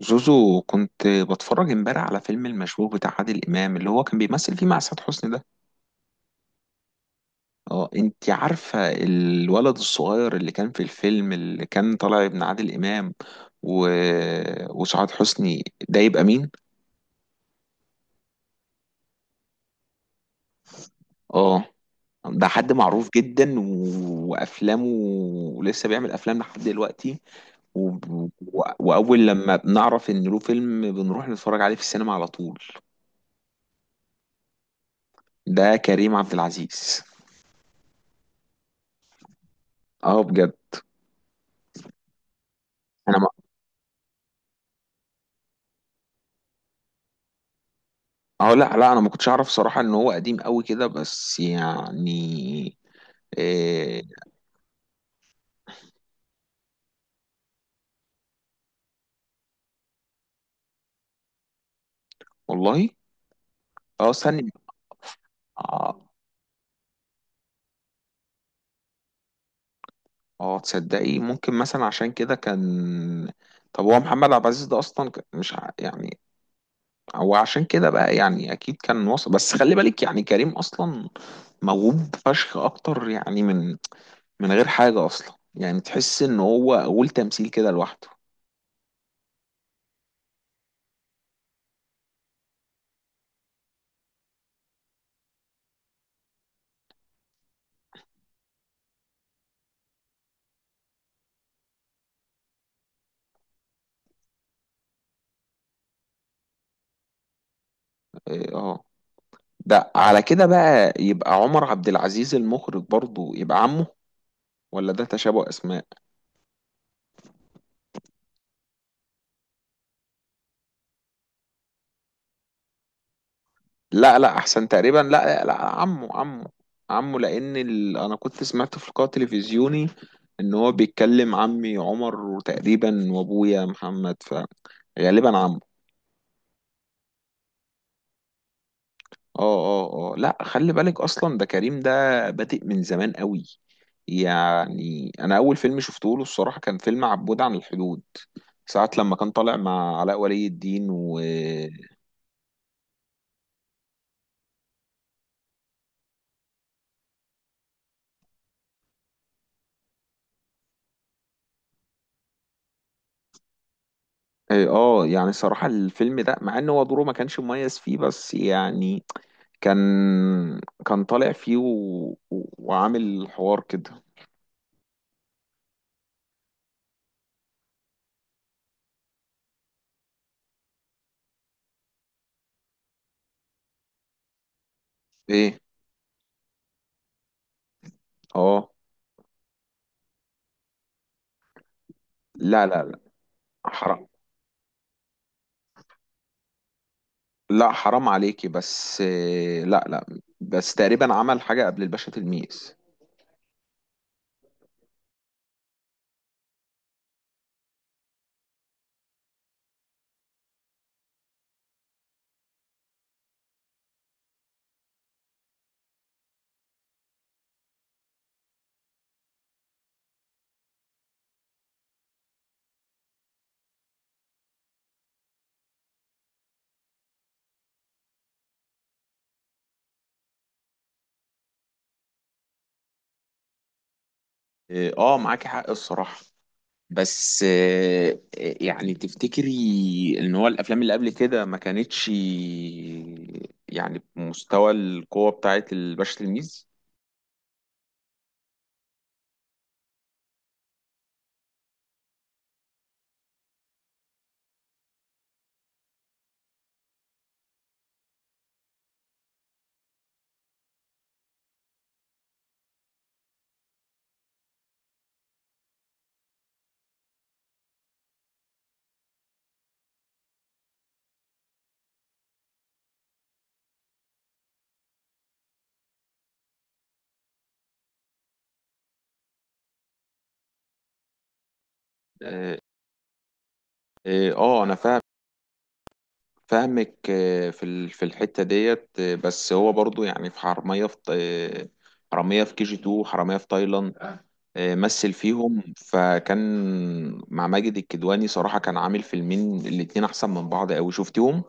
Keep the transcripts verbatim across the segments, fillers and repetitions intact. زوزو، كنت بتفرج امبارح على فيلم المشبوه بتاع عادل امام اللي هو كان بيمثل فيه مع سعاد حسني ده. اه انت عارفه الولد الصغير اللي كان في الفيلم اللي كان طالع ابن عادل امام و... وسعاد حسني ده يبقى مين؟ اه ده حد معروف جدا و- وافلامه، ولسه بيعمل افلام لحد دلوقتي. و... و... واول لما بنعرف ان له فيلم بنروح نتفرج عليه في السينما على طول. ده كريم عبد العزيز. اه بجد. انا اه، لا لا، انا ما كنتش اعرف صراحة ان هو قديم قوي كده، بس يعني إيه. والله اه ثانية. اه اه تصدقي ممكن مثلا عشان كده كان. طب هو محمد عبد العزيز ده اصلا ك- مش ع- يعني هو عشان كده بقى يعني اكيد كان وصل، بس خلي بالك يعني كريم اصلا موهوب فشخ اكتر يعني من من غير حاجة اصلا، يعني تحس ان هو قول تمثيل كده لوحده. إيه، اه، ده على كده بقى يبقى عمر عبد العزيز المخرج برضو يبقى عمه، ولا ده تشابه اسماء؟ لا لا، احسن تقريبا، لا لا، عمه عمه. عمه لان ال... انا كنت سمعت في لقاء تلفزيوني ان هو بيتكلم عمي عمر، وتقريبا وابويا محمد، فغالبا عمه. اه اه اه، لا خلي بالك، اصلا ده كريم ده بادئ من زمان قوي. يعني انا اول فيلم شفته له الصراحه كان فيلم عبود عن الحدود، ساعه لما كان طالع مع علاء ولي الدين و اه. يعني صراحه الفيلم ده مع ان هو دوره ما كانش مميز فيه، بس يعني كان، كان طالع فيه و... و... وعامل حوار كده. ايه اه، لا لا لا. حرام، لا حرام عليكي، بس آه، لا لا، بس تقريبا عمل حاجة قبل الباشا تلميذ. اه آه، معاكي حق الصراحة. بس آه، يعني تفتكري ان هو الافلام اللي قبل كده ما كانتش يعني بمستوى القوة بتاعت الباشا تلميذ؟ اه آه، آه، انا فاهم، فاهمك آه، في ال- في الحتة ديت، آه، بس هو برضو يعني في حرامية في آه، حرامية في كي جي اتنين، حرامية في تايلاند. آه، مثل فيهم، فكان مع ماجد الكدواني صراحة كان عامل فيلمين، الاتنين أحسن من بعض أوي. شفتيهم؟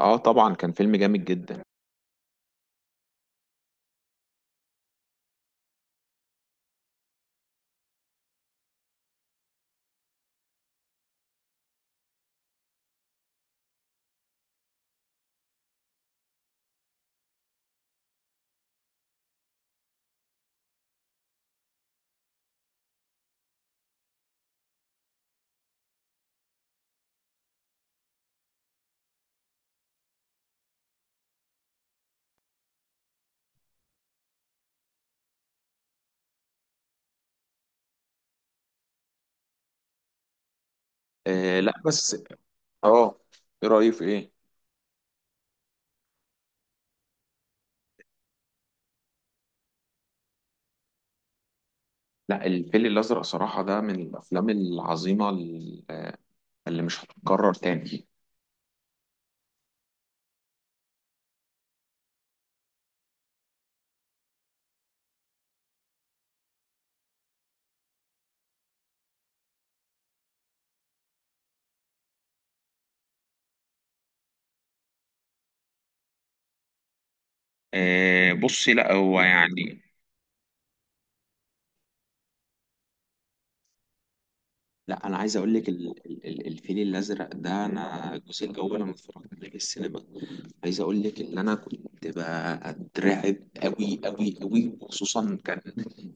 اه طبعا كان فيلم جامد جدا. آه لا بس اه، ايه رأيك في ايه؟ لا، الفيل الأزرق صراحة ده من الأفلام العظيمة ال- اللي مش هتتكرر تاني. آه، بصي لا هو يعني، لا انا عايز اقول لك ال- ال- ال- الفيل الازرق ده، انا الجزء الاول انا اتفرجت عليه في السينما. عايز اقول لك ان انا كنت بترعب قوي قوي قوي، وخصوصا كان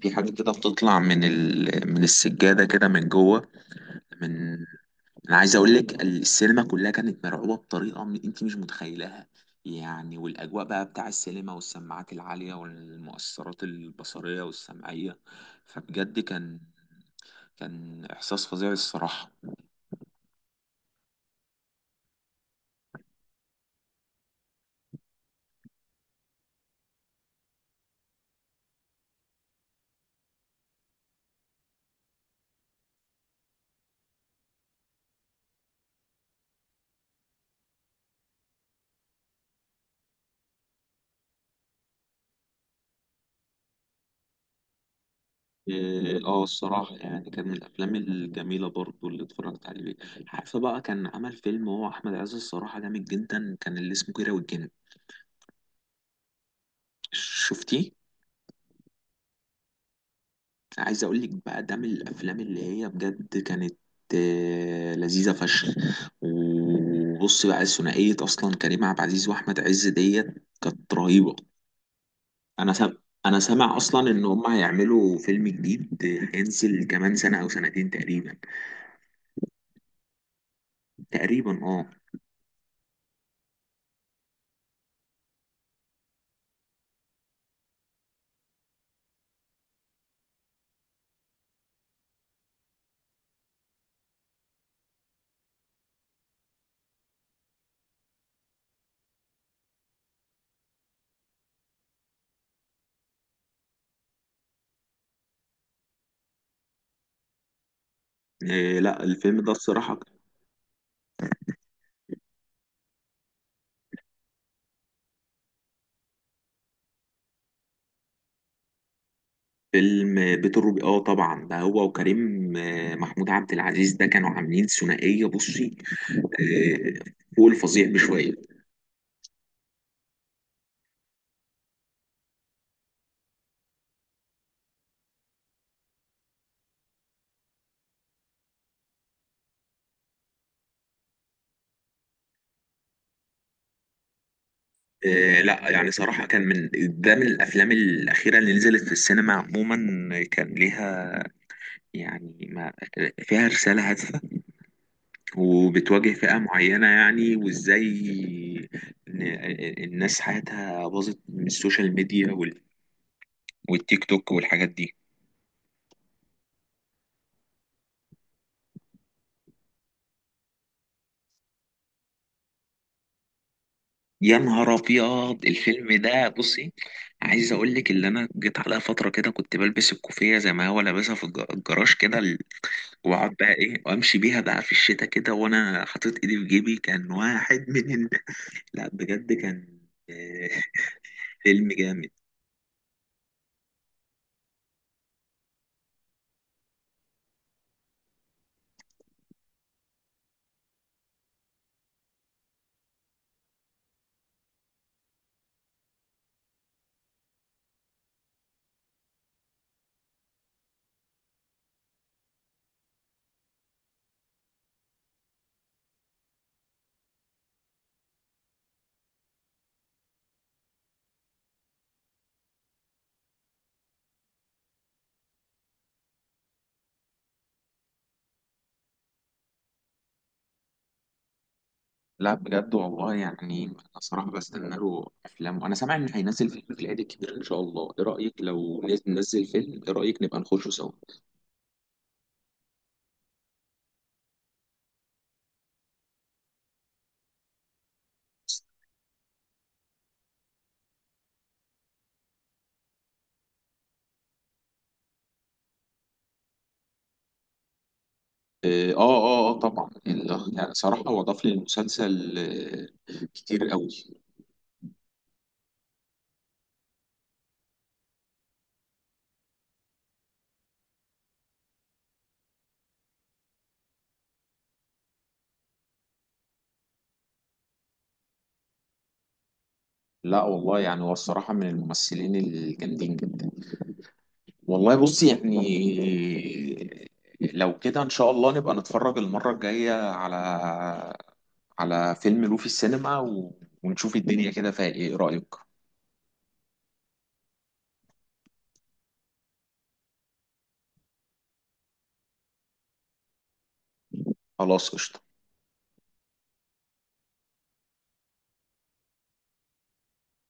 في حاجه كده بتطلع من ال... من السجاده كده من جوه، من، انا عايز اقول لك السينما كلها كانت مرعوبه بطريقه م- انت مش متخيلها يعني. والاجواء بقى بتاع السينما والسماعات العاليه والمؤثرات البصريه والسمعيه، فبجد كان، كان احساس فظيع الصراحه. اه آه، الصراحة يعني كان من الأفلام الجميلة برضو اللي اتفرجت عليه. عارفة بقى كان عمل فيلم هو أحمد عز الصراحة جامد جدا كان، اللي اسمه كيرة والجن؟ شفتيه؟ عايز أقول لك بقى ده من الأفلام اللي هي بجد كانت آه، لذيذة فشخ. وبص بقى، الثنائية أصلا كريم عبد العزيز وأحمد عز ديت كانت رهيبة. أنا سامع أنا سامع أصلا إن هما هيعملوا فيلم جديد هينزل كمان سنة أو سنتين تقريبا. تقريبا اه. إيه لا، الفيلم ده الصراحة، فيلم بيت الروبي، اه طبعا ده هو وكريم آه، محمود عبد العزيز ده كانوا عاملين ثنائية بصي آه، فوق الفظيع بشوية. آه، لا يعني صراحة كان من، ده من الأفلام الأخيرة اللي نزلت في السينما عموما كان ليها يعني ما فيها رسالة هادفة، وبتواجه فئة معينة يعني، وإزاي إن- الناس حياتها باظت من السوشيال ميديا وال- والتيك توك والحاجات دي. يا نهار ابيض الفيلم ده بصي، عايز اقول لك اللي انا جيت عليا فتره كده كنت بلبس الكوفيه زي ما هو لابسها في الج- الجراج كده ال- واقعد بقى ايه وامشي بيها بقى في الشتاء كده وانا حاطط ايدي في جيبي، كان واحد من ال... لا بجد كان آه، فيلم جامد. لا بجد والله، يعني انا صراحه بستنى له افلام، وانا سامع ان هينزل فيلم في العيد الكبير ان شاء الله. ايه رايك لو نز- ننزل فيلم؟ ايه رايك نبقى نخشه سوا؟ اه اه اه آه، طبعا ال- يعني صراحة هو ضاف للمسلسل آه، كتير قوي. لا والله، يعني هو الصراحة من الممثلين الجامدين جدا. والله بص يعني، لو كده ان شاء الله نبقى نتفرج المرة الجاية على، على فيلم لوفي السينما و... ونشوف الدنيا كده فيها ايه. إيه رأيك؟ خلاص قشطة.